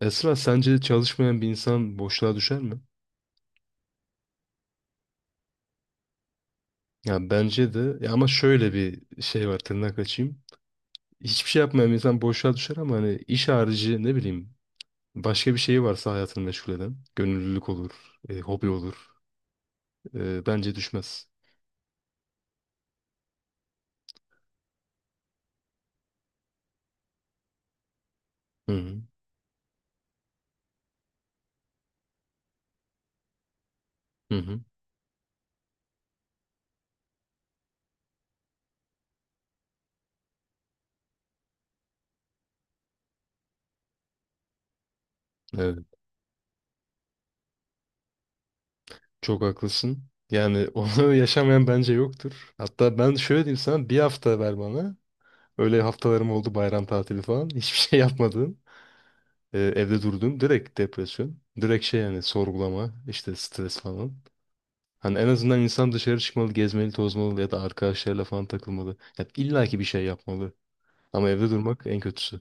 Esra sence çalışmayan bir insan boşluğa düşer mi? Ya bence de ya ama şöyle bir şey var tırnak açayım. Hiçbir şey yapmayan bir insan boşluğa düşer ama hani iş harici ne bileyim başka bir şeyi varsa hayatını meşgul eden gönüllülük olur, hobi olur. Bence düşmez. Hı hı. Hı hı. Evet, çok haklısın. Yani onu yaşamayan bence yoktur. Hatta ben şöyle diyeyim sana bir hafta ver bana. Öyle haftalarım oldu bayram tatili falan. Hiçbir şey yapmadığım. Evde durduğum direkt depresyon. Direkt şey yani sorgulama, işte stres falan. Hani en azından insan dışarı çıkmalı, gezmeli, tozmalı ya da arkadaşlarıyla falan takılmalı. Ya illa ki bir şey yapmalı. Ama evde durmak en kötüsü.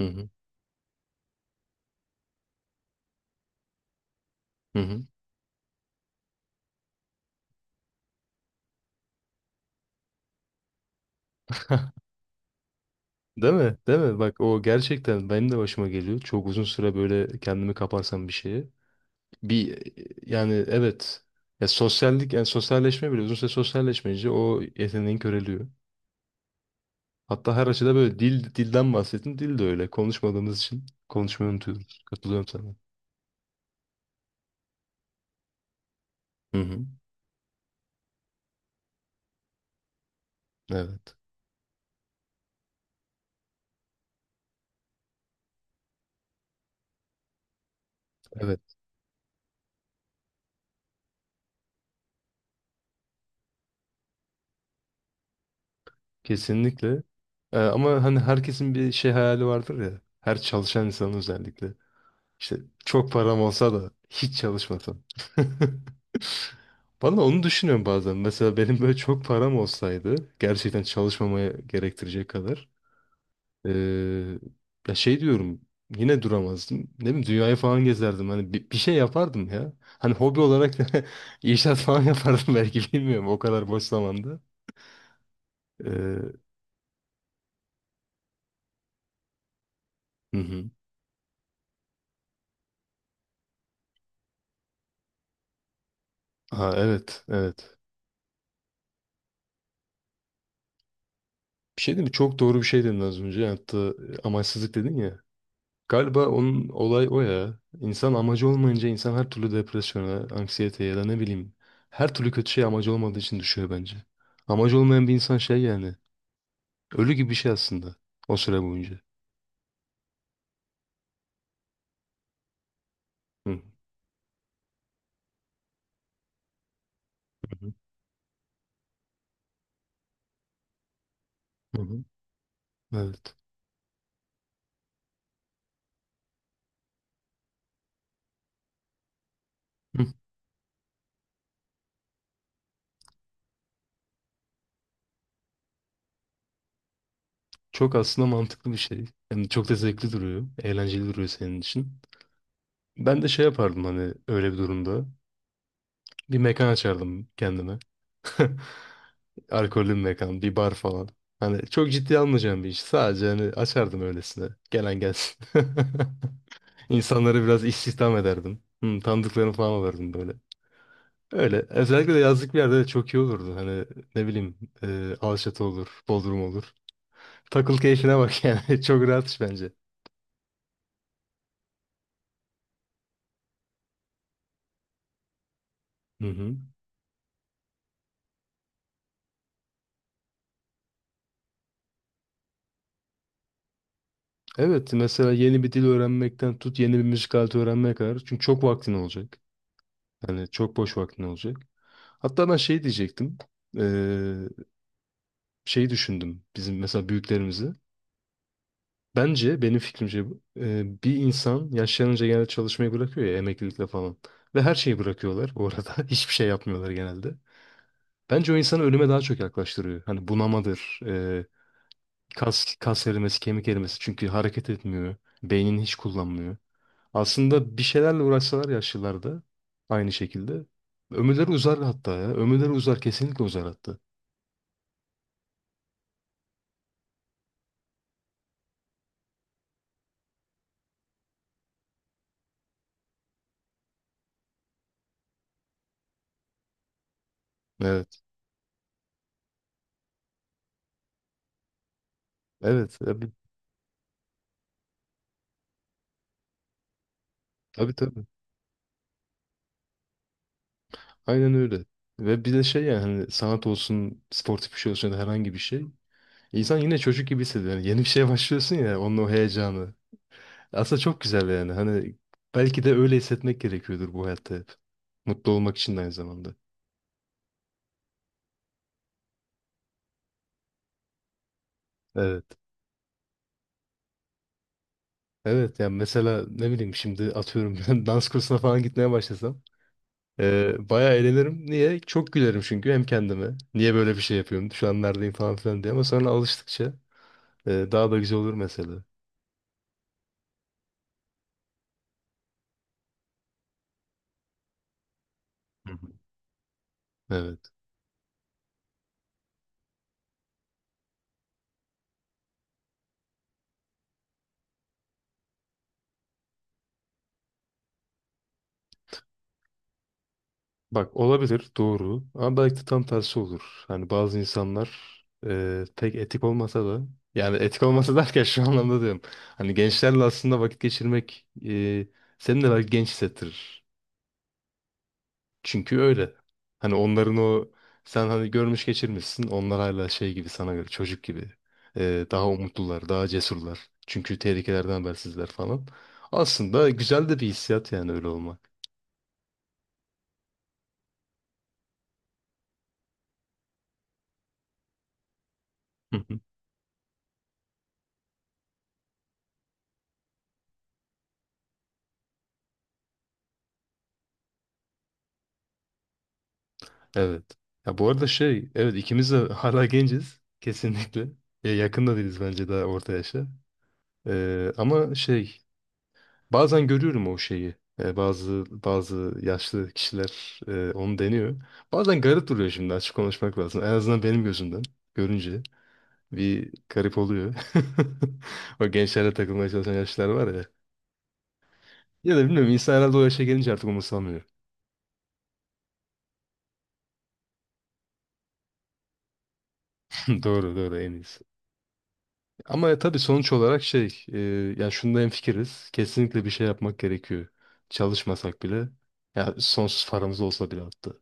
Hı hı. Hı hı. Değil mi? Değil mi? Bak o gerçekten benim de başıma geliyor. Çok uzun süre böyle kendimi kaparsam bir şeye. Bir yani evet. Ya sosyallik, yani sosyalleşme bile uzun süre sosyalleşmeyince o yeteneğin köreliyor. Hatta her açıda böyle dil dilden bahsettin. Dil de öyle. Konuşmadığımız için konuşmayı unutuyoruz. Katılıyorum sana. Hı hı. Evet. Evet. Kesinlikle. Ama hani herkesin bir şey hayali vardır ya. Her çalışan insanın özellikle. İşte çok param olsa da hiç çalışmasam. Bana onu düşünüyorum bazen. Mesela benim böyle çok param olsaydı gerçekten çalışmamaya gerektirecek kadar. Ee, ya şey diyorum yine duramazdım. Ne bileyim dünyayı falan gezerdim. Hani bir şey yapardım ya. Hani hobi olarak inşaat falan yapardım belki bilmiyorum o kadar boş zamanda. Ee, hı hı. Ha evet evet. Bir şey değil mi? Çok doğru bir şey dedin az önce. Hatta amaçsızlık dedin ya. Galiba onun olay o ya. İnsan amacı olmayınca insan her türlü depresyona, anksiyeteye ya da ne bileyim her türlü kötü şey amacı olmadığı için düşüyor bence. Amacı olmayan bir insan şey yani. Ölü gibi bir şey aslında o süre boyunca. Hı hı hı. hı. Evet. Hı. Çok aslında mantıklı bir şey. Yani çok da zevkli duruyor. Eğlenceli duruyor senin için. Ben de şey yapardım hani öyle bir durumda. Bir mekan açardım kendime. Alkollü bir mekan, bir bar falan. Hani çok ciddi almayacağım bir iş. Sadece hani açardım öylesine. Gelen gelsin. İnsanları biraz istihdam ederdim. Hı, tanıdıklarını falan alırdım böyle. Öyle. Özellikle de yazlık bir yerde de çok iyi olurdu. Hani ne bileyim Alaçatı olur, Bodrum olur. Takıl keyfine bak yani. Çok rahat iş bence. Hı hı. Evet mesela yeni bir dil öğrenmekten tut yeni bir müzik aleti öğrenmeye kadar. Çünkü çok vaktin olacak. Yani çok boş vaktin olacak. Hatta ben şey diyecektim. Ee, şey düşündüm bizim mesela büyüklerimizi. Bence benim fikrimce bir insan yaşlanınca genelde çalışmayı bırakıyor ya emeklilikle falan. Ve her şeyi bırakıyorlar bu arada. Hiçbir şey yapmıyorlar genelde. Bence o insanı ölüme daha çok yaklaştırıyor. Hani bunamadır, kas erimesi, kemik erimesi. Çünkü hareket etmiyor. Beynini hiç kullanmıyor. Aslında bir şeylerle uğraşsalar yaşlılarda aynı şekilde. Ömürleri uzar hatta ya. Ömürleri uzar kesinlikle uzar hatta. Evet. Evet. Tabii tabii. Aynen öyle. Ve bir de şey yani hani sanat olsun, sportif bir şey olsun ya da herhangi bir şey. İnsan yine çocuk gibi hissediyor. Yani yeni bir şeye başlıyorsun ya onun o heyecanı. Aslında çok güzel yani. Hani belki de öyle hissetmek gerekiyordur bu hayatta hep. Mutlu olmak için de aynı zamanda. Evet. Evet yani mesela ne bileyim şimdi atıyorum ben dans kursuna falan gitmeye başlasam bayağı eğlenirim. Niye? Çok gülerim çünkü hem kendime. Niye böyle bir şey yapıyorum? Şu an neredeyim falan filan diye ama sonra alıştıkça daha da güzel olur mesela. Hı hı. Evet. Bak olabilir doğru ama belki de tam tersi olur. Hani bazı insanlar pek etik olmasa da yani etik olmasa derken şu anlamda diyorum. Hani gençlerle aslında vakit geçirmek seni de belki genç hissettirir. Çünkü öyle. Hani onların o sen hani görmüş geçirmişsin. Onlar hala şey gibi sana göre çocuk gibi. Daha umutlular, daha cesurlar. Çünkü tehlikelerden habersizler falan. Aslında güzel de bir hissiyat yani öyle olmak. Hı hı. Evet. Ya bu arada şey, evet ikimiz de hala genciz kesinlikle. Ya yakın da değiliz bence daha orta yaşa. Ama şey Bazen görüyorum o şeyi. E, bazı bazı yaşlı kişiler onu deniyor. Bazen garip duruyor şimdi açık konuşmak lazım. En azından benim gözümden görünce bir garip oluyor. O gençlerle takılmaya çalışan yaşlılar var ya. Ya da bilmiyorum insan herhalde o yaşa gelince artık umursamıyor. Doğru doğru en iyisi. Ama tabii sonuç olarak yani şunda hemfikiriz. Kesinlikle bir şey yapmak gerekiyor. Çalışmasak bile ya sonsuz paramız olsa bile hatta.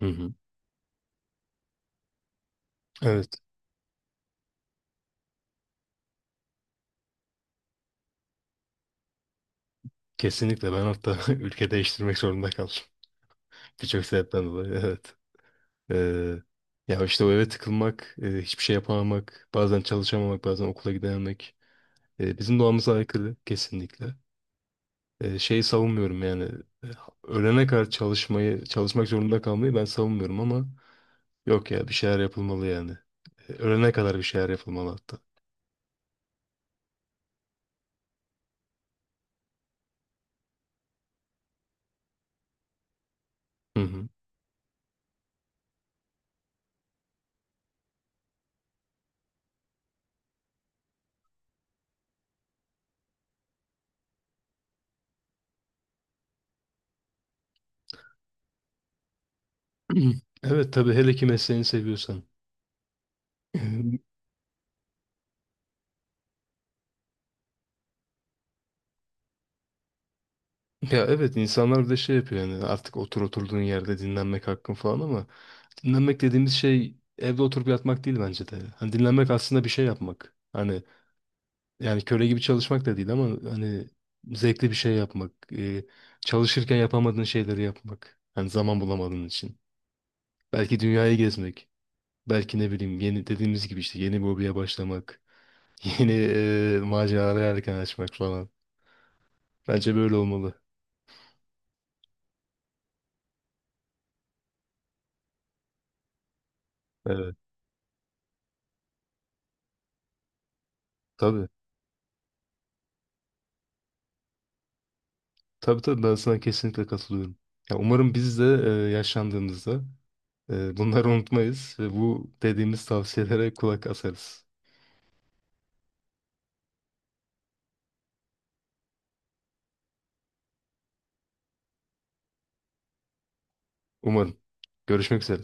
Hı hı. Evet. Kesinlikle ben hatta ülke değiştirmek zorunda kaldım. Birçok sebepten dolayı evet. Ee, ya işte o eve tıkılmak, hiçbir şey yapamamak, bazen çalışamamak, bazen okula gidememek bizim doğamıza aykırı kesinlikle. E, şeyi savunmuyorum yani e, ölene kadar çalışmayı, çalışmak zorunda kalmayı ben savunmuyorum ama yok ya bir şeyler yapılmalı yani. E, ölene kadar bir şeyler yapılmalı hatta. Hı hı. Evet tabii hele ki mesleğini seviyorsan. Ya evet insanlar bir de şey yapıyor yani artık otur oturduğun yerde dinlenmek hakkın falan ama dinlenmek dediğimiz şey evde oturup yatmak değil bence de. Hani dinlenmek aslında bir şey yapmak. Hani yani köle gibi çalışmak da değil ama hani zevkli bir şey yapmak. Çalışırken yapamadığın şeyleri yapmak. Hani zaman bulamadığın için. Belki dünyayı gezmek. Belki ne bileyim yeni dediğimiz gibi işte yeni bir hobiye başlamak. Yeni maceralara yelken açmak falan. Bence böyle olmalı. Evet. Tabii. Tabii tabii ben sana kesinlikle katılıyorum. Ya umarım biz de yaşlandığımızda bunları unutmayız ve bu dediğimiz tavsiyelere kulak asarız. Umarım. Görüşmek üzere.